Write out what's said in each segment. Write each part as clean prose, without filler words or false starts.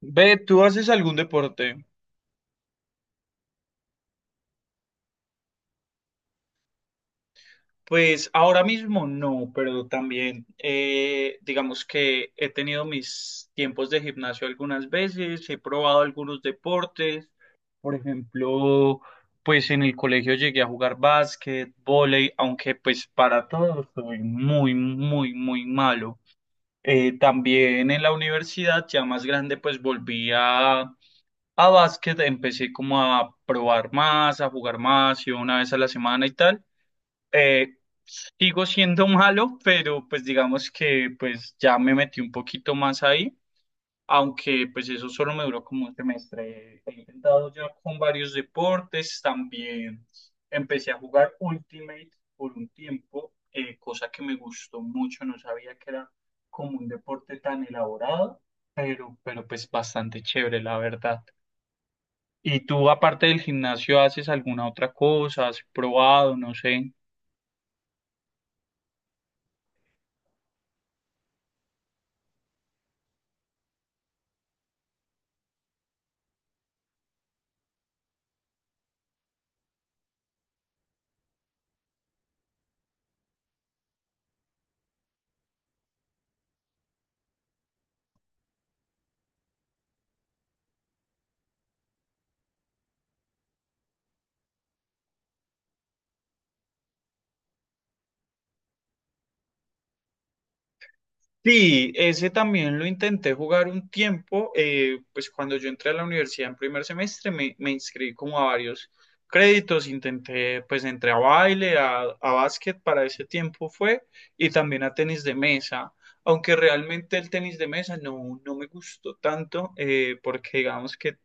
Ve, ¿tú haces algún deporte? Pues ahora mismo no, pero también digamos que he tenido mis tiempos de gimnasio algunas veces, he probado algunos deportes, por ejemplo, pues en el colegio llegué a jugar básquet, vóley, aunque pues para todo soy muy, muy, muy malo. También en la universidad, ya más grande, pues volví a. A básquet empecé como a probar más, a jugar más, y una vez a la semana y tal. Eh, Sigo siendo malo, pero pues digamos que pues ya me metí un poquito más ahí, aunque pues eso solo me duró como un semestre. He intentado ya con varios deportes, también empecé a jugar Ultimate por un tiempo, cosa que me gustó mucho, no sabía que era como un deporte tan elaborado, pero, pues bastante chévere, la verdad. ¿Y tú, aparte del gimnasio, haces alguna otra cosa? ¿Has probado? No sé. Sí, ese también lo intenté jugar un tiempo, pues cuando yo entré a la universidad en primer semestre me inscribí como a varios créditos, intenté, pues entré a baile, a básquet para ese tiempo fue, y también a tenis de mesa, aunque realmente el tenis de mesa no me gustó tanto, porque digamos que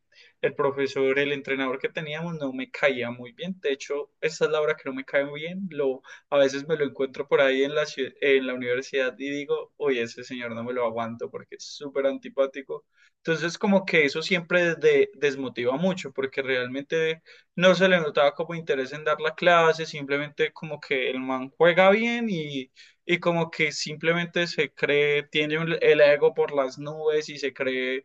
el profesor, el entrenador que teníamos no me caía muy bien, de hecho, esa es la hora que no me cae muy bien, a veces me lo encuentro por ahí en en la universidad y digo, oye, ese señor no me lo aguanto porque es súper antipático. Entonces, como que eso siempre desmotiva mucho porque realmente no se le notaba como interés en dar la clase, simplemente como que el man juega bien y, como que simplemente se cree, tiene el ego por las nubes y se cree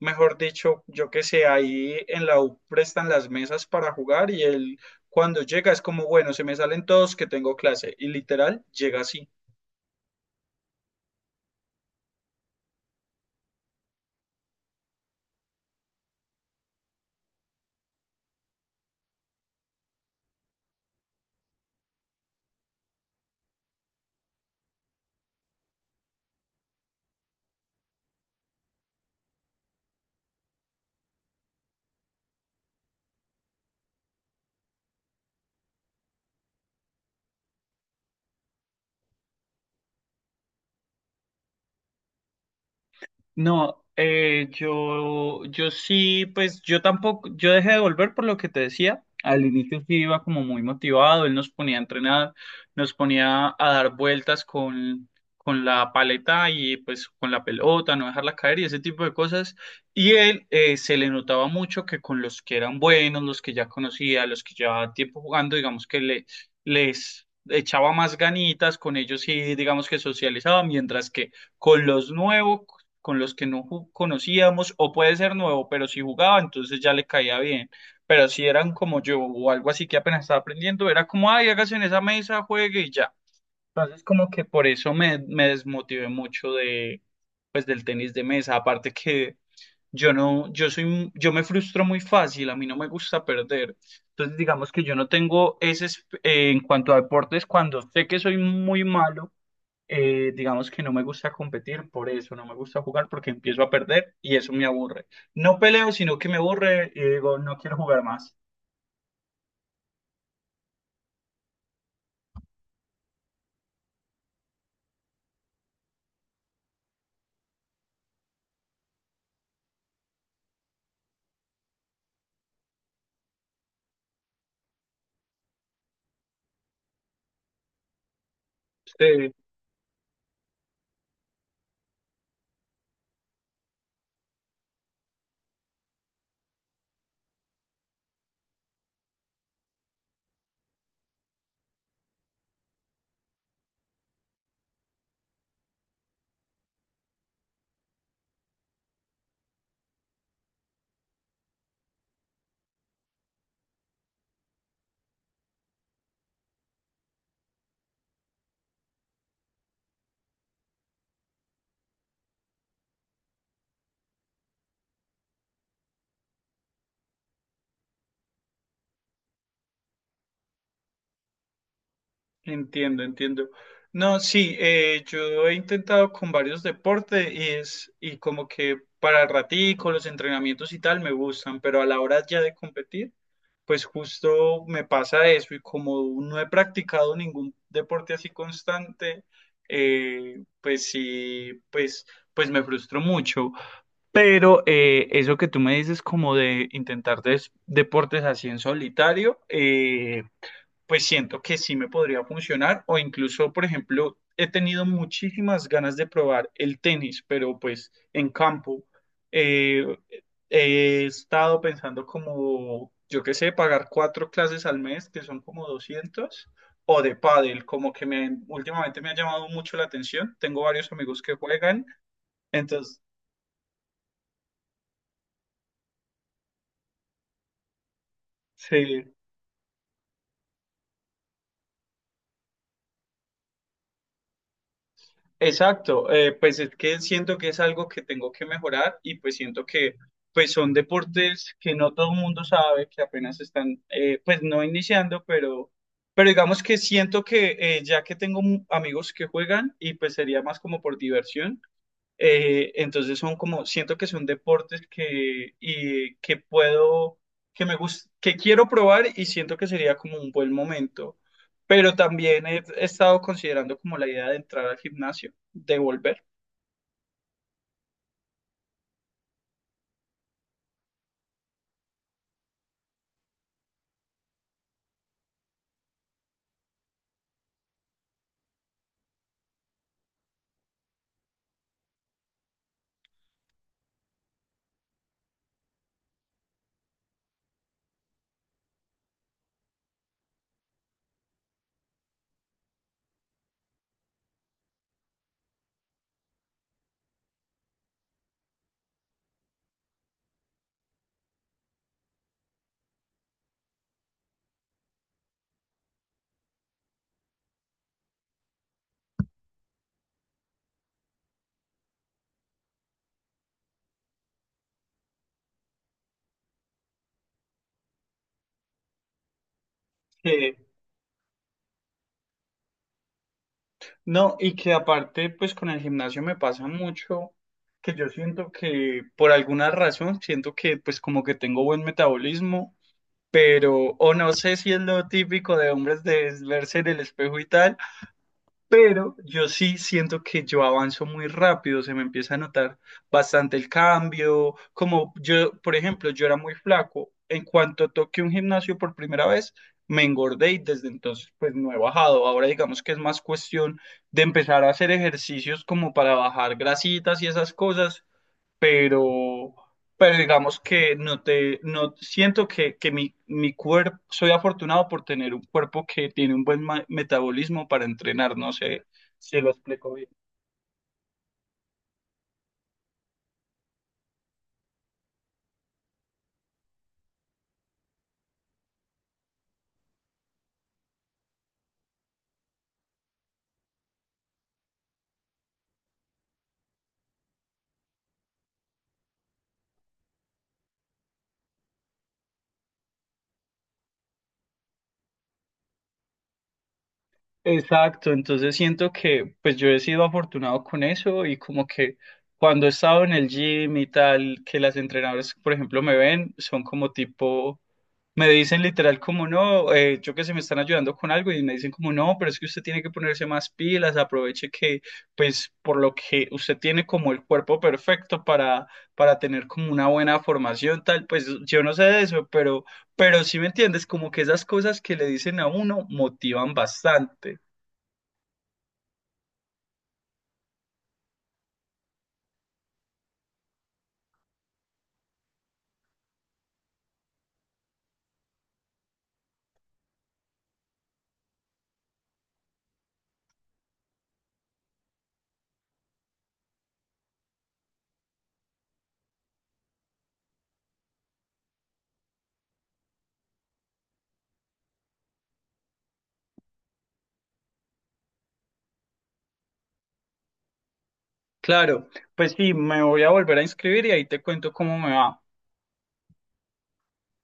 mejor dicho, yo qué sé, ahí en la U prestan las mesas para jugar y él cuando llega es como, bueno, se me salen todos que tengo clase y literal llega así. No, yo sí, pues yo tampoco, yo dejé de volver por lo que te decía. Al inicio sí iba como muy motivado, él nos ponía a entrenar, nos ponía a dar vueltas con la paleta y pues con la pelota, no dejarla caer y ese tipo de cosas. Y él se le notaba mucho que con los que eran buenos, los que ya conocía, los que llevaba tiempo jugando, digamos que les echaba más ganitas, con ellos sí, digamos que socializaba, mientras que con los nuevos con los que no conocíamos, o puede ser nuevo, pero si jugaba, entonces ya le caía bien. Pero si eran como yo o algo así que apenas estaba aprendiendo, era como, ay, hágase en esa mesa, juegue y ya. Entonces como que por eso me desmotivé mucho de, pues, del tenis de mesa. Aparte que yo no, yo me frustro muy fácil, a mí no me gusta perder. Entonces digamos que yo no tengo ese, en cuanto a deportes, cuando sé que soy muy malo digamos que no me gusta competir por eso, no me gusta jugar porque empiezo a perder y eso me aburre. No peleo, sino que me aburre y digo, no quiero jugar más. Sí. Entiendo, entiendo. No, sí, yo he intentado con varios deportes y y como que para el ratico, los entrenamientos y tal me gustan, pero a la hora ya de competir, pues justo me pasa eso y como no he practicado ningún deporte así constante, pues sí, pues me frustro mucho. Pero eso que tú me dices como de intentar deportes así en solitario, pues siento que sí me podría funcionar o incluso, por ejemplo, he tenido muchísimas ganas de probar el tenis, pero pues en campo eh, he estado pensando como, yo qué sé, pagar cuatro clases al mes, que son como 200 o de pádel, como que últimamente me ha llamado mucho la atención. Tengo varios amigos que juegan, entonces, sí. Exacto, pues es que siento que es algo que tengo que mejorar y pues siento que pues son deportes que no todo el mundo sabe, que apenas están pues no iniciando, pero digamos que siento que ya que tengo amigos que juegan y pues sería más como por diversión, entonces son como, siento que son deportes que, y, que puedo, que me gust que quiero probar y siento que sería como un buen momento. Pero también he estado considerando como la idea de entrar al gimnasio, de volver. Eh, no, y que aparte, pues con el gimnasio me pasa mucho que yo siento que por alguna razón, siento que pues como que tengo buen metabolismo, pero o no sé si es lo típico de hombres de verse en el espejo y tal, pero yo sí siento que yo avanzo muy rápido, se me empieza a notar bastante el cambio, como yo, por ejemplo, yo era muy flaco, en cuanto toqué un gimnasio por primera vez, me engordé y desde entonces pues no he bajado, ahora digamos que es más cuestión de empezar a hacer ejercicios como para bajar grasitas y esas cosas, pero, pero digamos que no te, no siento que mi cuerpo, soy afortunado por tener un cuerpo que tiene un buen metabolismo para entrenar, no sé si lo explico bien. Exacto, entonces siento que pues yo he sido afortunado con eso y como que cuando he estado en el gym y tal, que las entrenadoras, por ejemplo, me ven, son como tipo. Me dicen literal como no, yo que sé, me están ayudando con algo y me dicen como no, pero es que usted tiene que ponerse más pilas, aproveche que pues por lo que usted tiene como el cuerpo perfecto para, tener como una buena formación tal, pues yo no sé de eso, pero sí me entiendes, como que esas cosas que le dicen a uno motivan bastante. Claro, pues sí, me voy a volver a inscribir y ahí te cuento cómo me va.